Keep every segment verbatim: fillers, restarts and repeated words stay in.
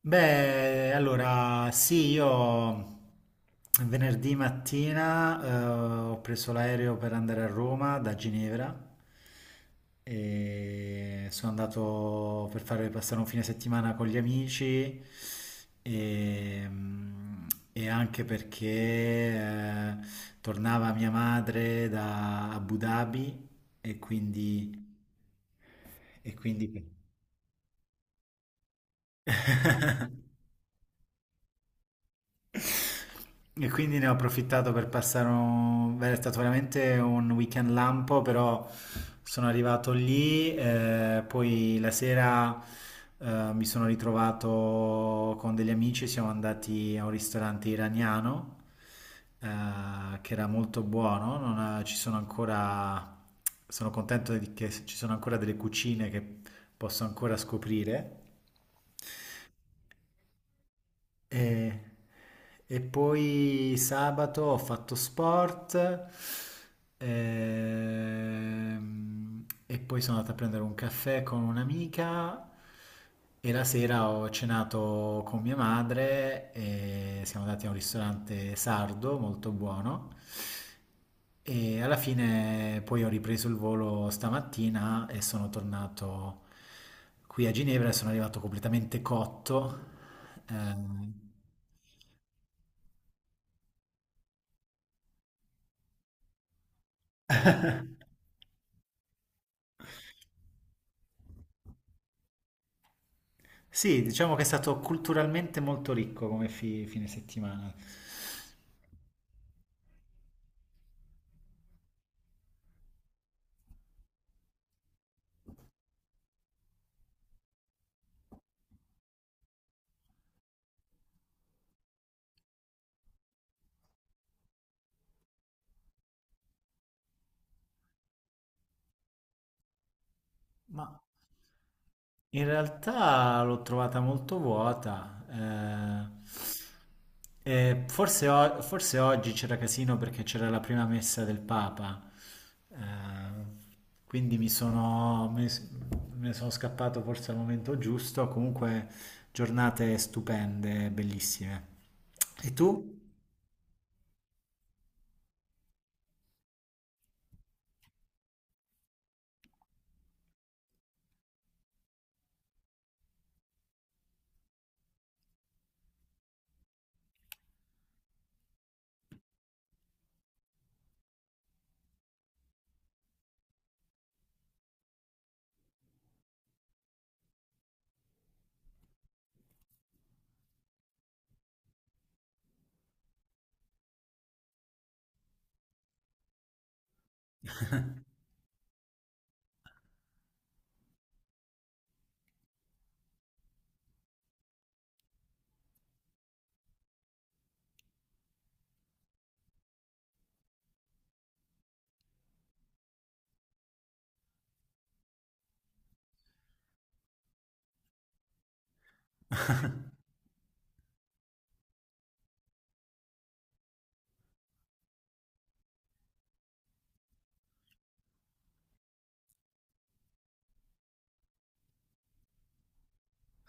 Beh, allora sì, io venerdì mattina eh, ho preso l'aereo per andare a Roma da Ginevra e sono andato per fare passare un fine settimana con gli amici e, mm, e anche perché eh, tornava mia madre da Abu Dhabi e quindi... E quindi E quindi ne ho approfittato per passare un... Beh, è stato veramente un weekend lampo, però sono arrivato lì, eh, poi la sera eh, mi sono ritrovato con degli amici, siamo andati a un ristorante iraniano, eh, che era molto buono. Non ha- Ci sono ancora, sono contento di- che ci sono ancora delle cucine che posso ancora scoprire. E, e poi sabato ho fatto sport, ehm, e poi sono andato a prendere un caffè con un'amica, e la sera ho cenato con mia madre e siamo andati a un ristorante sardo molto buono. E alla fine poi ho ripreso il volo stamattina e sono tornato qui a Ginevra e sono arrivato completamente cotto. eh, sì, diciamo che è stato culturalmente molto ricco come fi- fine settimana. Ma in realtà l'ho trovata molto vuota. Eh, e forse, o- forse oggi c'era casino perché c'era la prima messa del Papa. eh, quindi mi sono, me ne sono scappato forse al momento giusto. Comunque, giornate stupende, bellissime. E tu?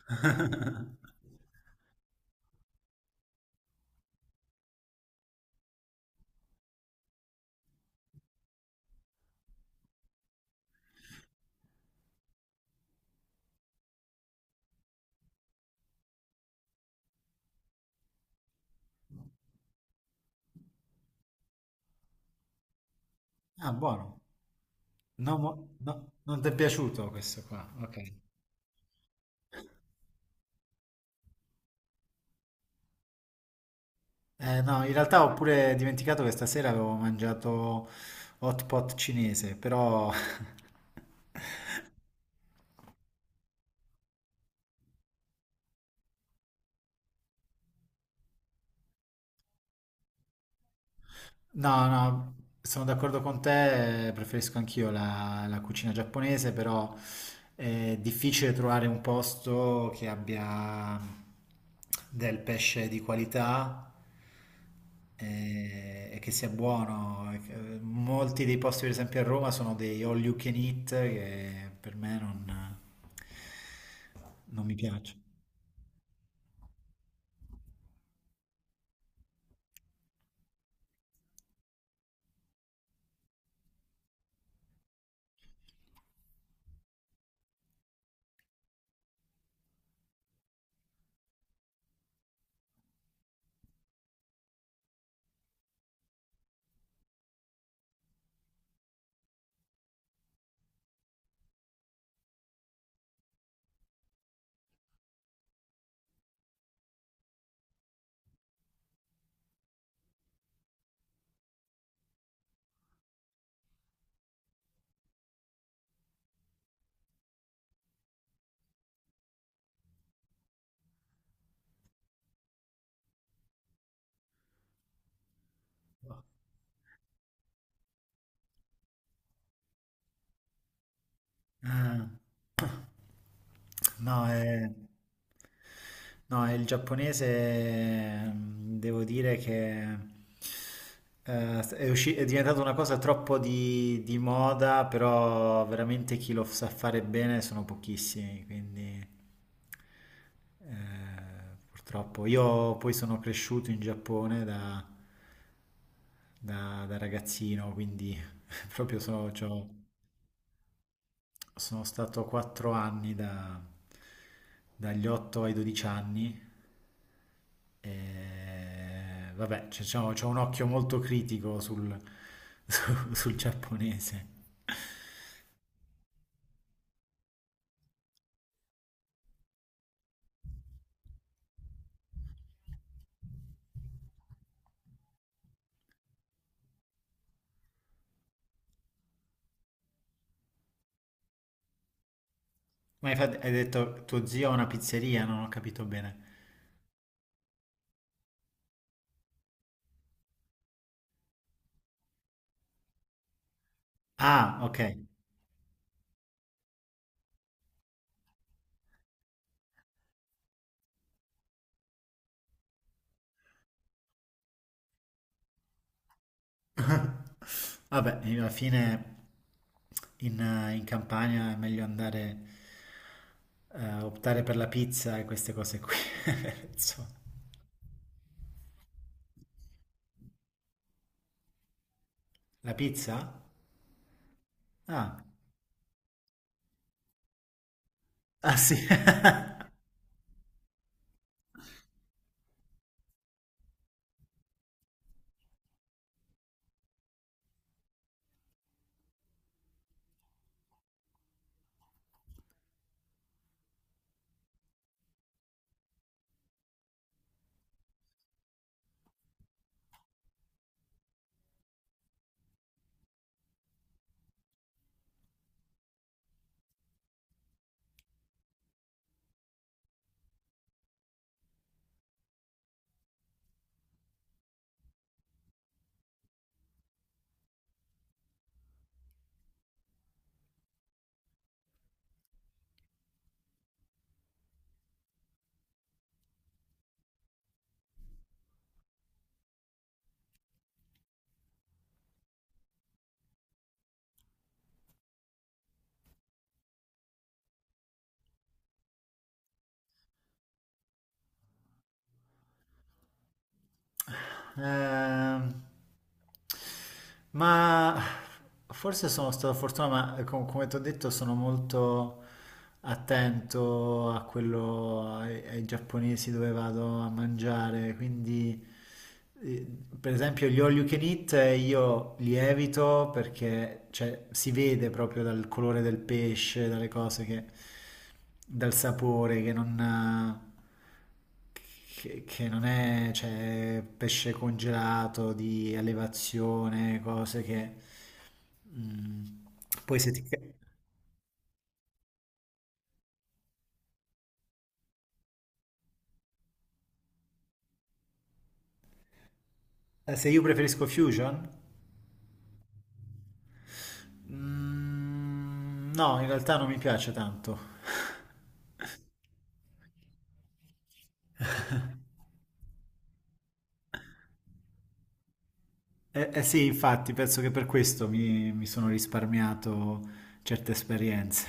Ah, buono. No, mo- no, non ti è piaciuto questo qua, ok. Eh, no, in realtà ho pure dimenticato che stasera avevo mangiato hot pot cinese, però No, no, sono d'accordo con te, eh, preferisco anch'io la, la cucina giapponese, però è difficile trovare un posto che abbia del pesce di qualità, eh, e che sia buono. E che- Molti dei posti, per esempio a Roma, sono dei all you can eat che per me non, non mi piacciono. Ah. No, è... No, il giapponese, mm, devo dire che eh, è, usci- è diventata una cosa troppo di, di moda, però veramente chi lo sa fare bene sono pochissimi, quindi eh, purtroppo. Io poi sono cresciuto in Giappone da, da- da ragazzino, quindi proprio sono, c'ho- sono stato quattro anni da- dagli otto ai dodici anni, e vabbè, c'è diciamo, c'ho un occhio molto critico sul, su- sul giapponese. Ma infatti hai detto tuo zio ha una pizzeria, non ho capito bene. Ah, ok. Vabbè, alla fine in, in Campania è meglio andare, eh, optare per la pizza e queste cose qui. Insomma. La pizza? Ah, ah sì, Ehm, ma forse sono stato fortunato, ma eh, com- come ti ho detto sono molto attento a quello, ai, ai giapponesi dove vado a mangiare, quindi eh, per esempio gli all you can eat, eh, io li evito perché cioè, si vede proprio dal colore del pesce, dalle cose che, dal sapore che non... eh, che, che non è, cioè, pesce congelato di allevazione, cose che... mm, poi se ti... Eh, se io preferisco Fusion? Mm, no, in realtà non mi piace tanto. Eh, eh sì, infatti, penso che per questo mi, mi sono risparmiato certe esperienze.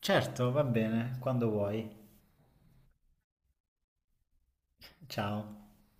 Certo, va bene, quando vuoi. Ciao.